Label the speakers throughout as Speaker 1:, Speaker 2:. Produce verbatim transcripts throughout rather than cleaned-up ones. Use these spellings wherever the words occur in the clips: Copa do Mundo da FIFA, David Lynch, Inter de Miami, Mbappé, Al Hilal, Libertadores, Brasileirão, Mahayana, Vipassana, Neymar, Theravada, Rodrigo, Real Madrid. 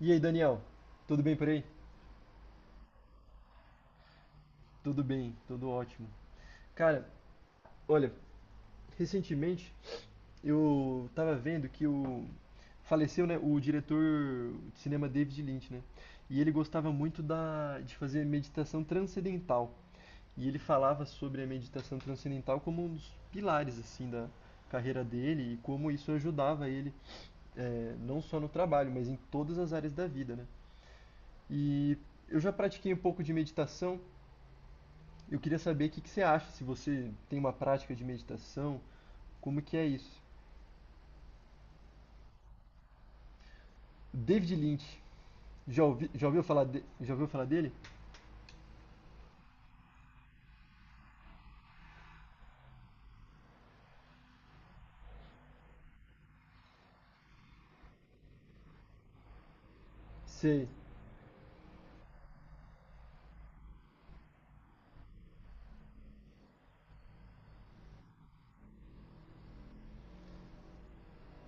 Speaker 1: E aí, Daniel? Tudo bem por aí? Tudo bem, tudo ótimo. Cara, olha, recentemente eu tava vendo que o faleceu, né, o diretor de cinema David Lynch, né? E ele gostava muito da de fazer meditação transcendental. E ele falava sobre a meditação transcendental como um dos pilares assim da carreira dele e como isso ajudava ele eh, não só no trabalho, mas em todas as áreas da vida, né? E eu já pratiquei um pouco de meditação. Eu queria saber o que que você acha, se você tem uma prática de meditação, como que é isso? David Lynch, já ouvi, já ouviu falar de- já ouviu falar dele? Sei.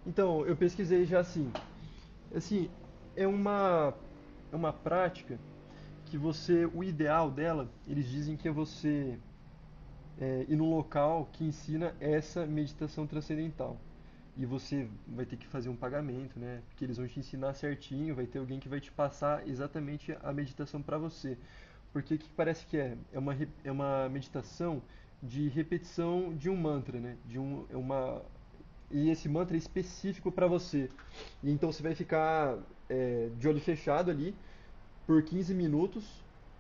Speaker 1: Então, eu pesquisei já assim. Assim, é uma é uma prática que você, o ideal dela, eles dizem que é você é, ir num local que ensina essa meditação transcendental. E você vai ter que fazer um pagamento, né? Porque eles vão te ensinar certinho, vai ter alguém que vai te passar exatamente a meditação para você. Porque o que parece que é? É uma, re- é uma meditação de repetição de um mantra, né? De um, é uma, e esse mantra é específico para você. E então você vai ficar é, de olho fechado ali por quinze minutos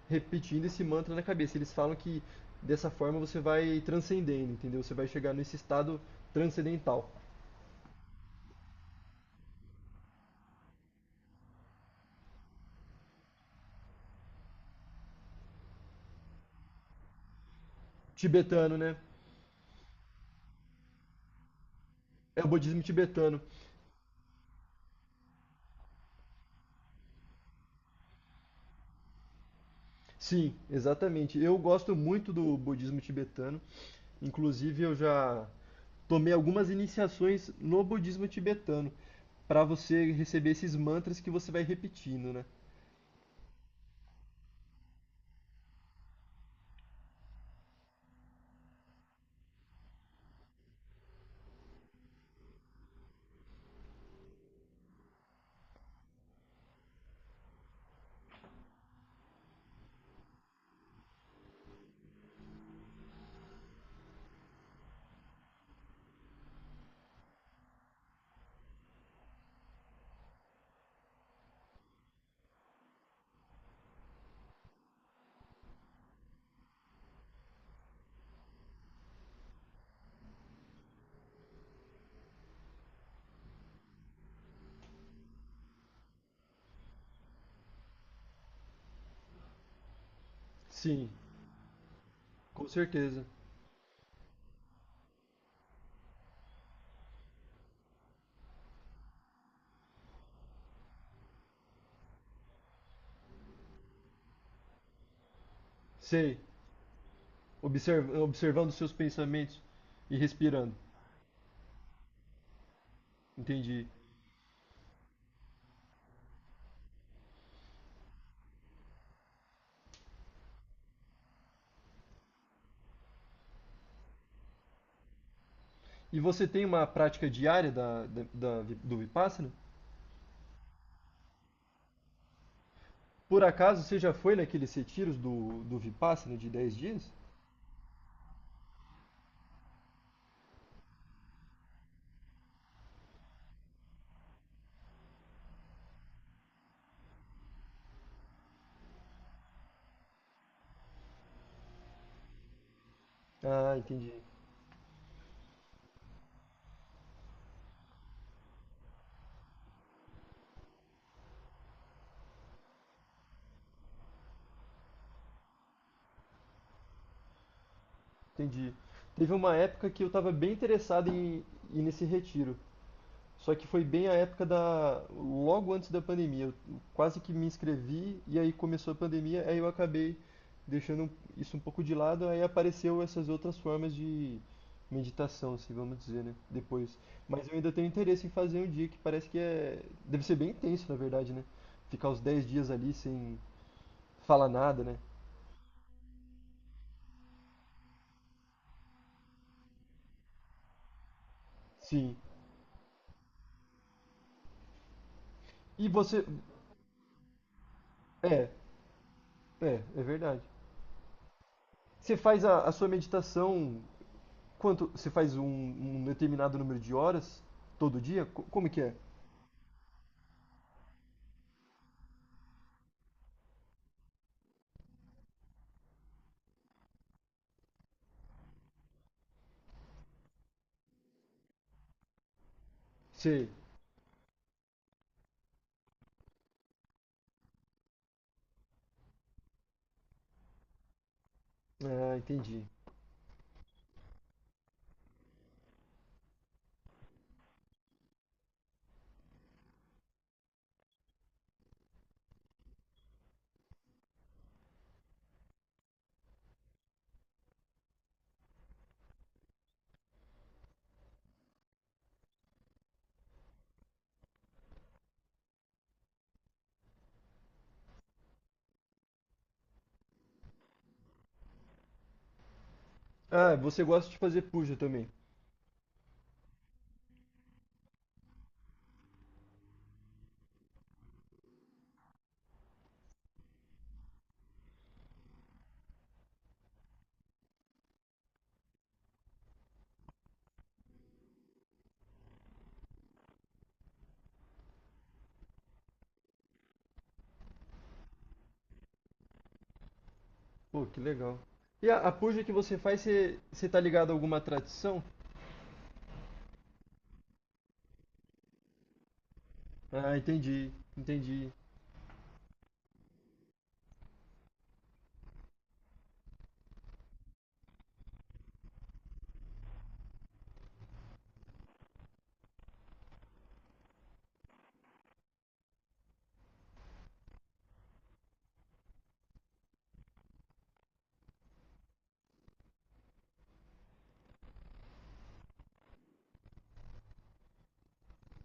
Speaker 1: repetindo esse mantra na cabeça. Eles falam que dessa forma você vai transcendendo, entendeu? Você vai chegar nesse estado transcendental. Tibetano, né? É o budismo tibetano. Sim, exatamente. Eu gosto muito do budismo tibetano. Inclusive, eu já tomei algumas iniciações no budismo tibetano para você receber esses mantras que você vai repetindo, né? Sim, com certeza. Sei. Observ- observando seus pensamentos e respirando. Entendi. E você tem uma prática diária da, da- da vi- do Vipassana? Por acaso você já foi naqueles retiros do, do Vipassana de dez dias? Ah, entendi. Entendi. Teve uma época que eu estava bem interessado em ir nesse retiro. Só que foi bem a época da, logo antes da pandemia. Eu quase que me inscrevi e aí começou a pandemia, aí eu acabei deixando isso um pouco de lado, aí apareceu essas outras formas de meditação, assim, vamos dizer, né? Depois. Mas eu ainda tenho interesse em fazer um dia que parece que é, deve ser bem intenso, na verdade, né? Ficar os dez dias ali sem falar nada, né? Sim. E você, é, é, é verdade. Você faz a, a sua meditação quanto? Você faz um, um determinado número de horas todo dia? Co- Como que é? Sei. Ah, entendi. Ah, você gosta de fazer puja também. Pô, que legal. E a, a puja que você faz, você, você tá ligado a alguma tradição? Ah, entendi, entendi.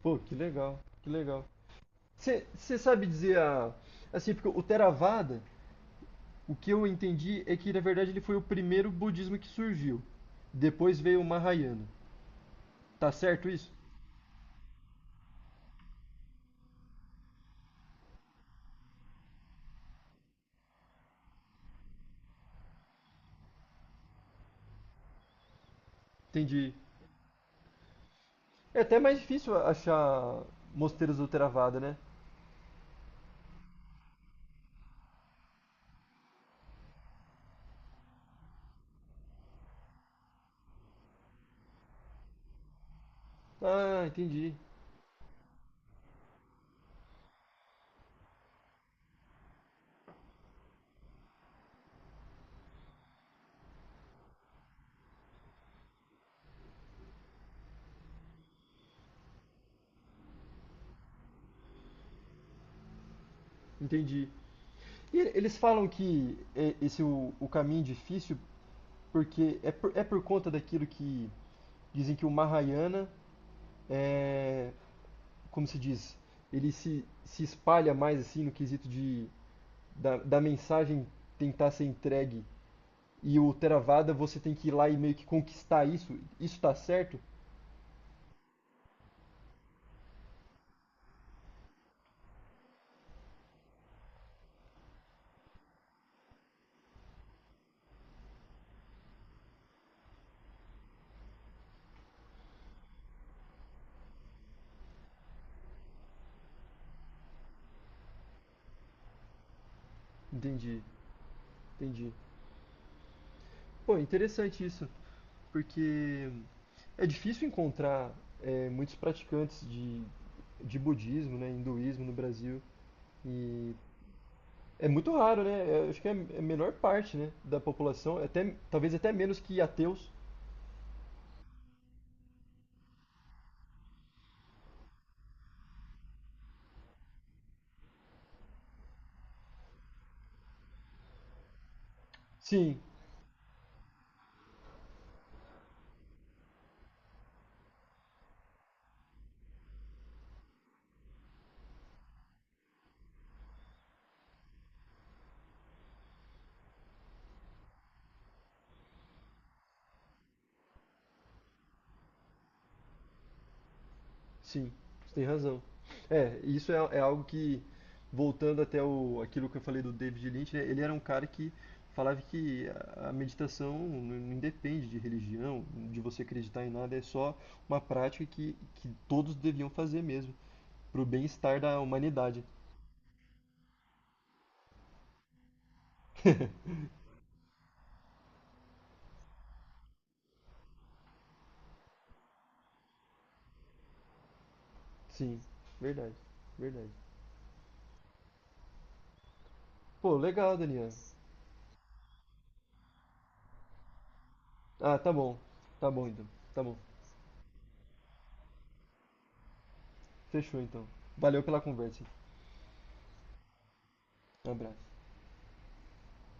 Speaker 1: Pô, que legal, que legal. Você você sabe dizer a, assim, porque o Theravada, o que eu entendi é que na verdade ele foi o primeiro budismo que surgiu. Depois veio o Mahayana. Tá certo isso? Entendi. É até mais difícil achar mosteiros do Theravada, né? Ah, entendi. Entendi. E eles falam que é esse o, o caminho difícil porque é por, é por conta daquilo que dizem que o Mahayana é, como se diz, ele se, se espalha mais assim no quesito de da, da mensagem tentar ser entregue e o Theravada você tem que ir lá e meio que conquistar isso. Isso tá certo? Entendi, entendi. Pô, interessante isso. Porque é difícil encontrar eh, muitos praticantes de, de budismo, né, hinduísmo no Brasil. E é muito raro, né? Eu acho que é é a menor parte, né, da população. É até, talvez até menos que ateus. Sim, sim, você tem razão. É, isso é, é algo que, voltando até o, aquilo que eu falei do David Lynch, né, ele era um cara que falava que a, a meditação não, não independe de religião, de você acreditar em nada, é só uma prática que, que todos deviam fazer mesmo, pro bem-estar da humanidade. Sim, verdade, verdade. Pô, legal, Daniel. Ah, tá bom, tá bom então, tá bom. Fechou então. Valeu pela conversa. Um abraço.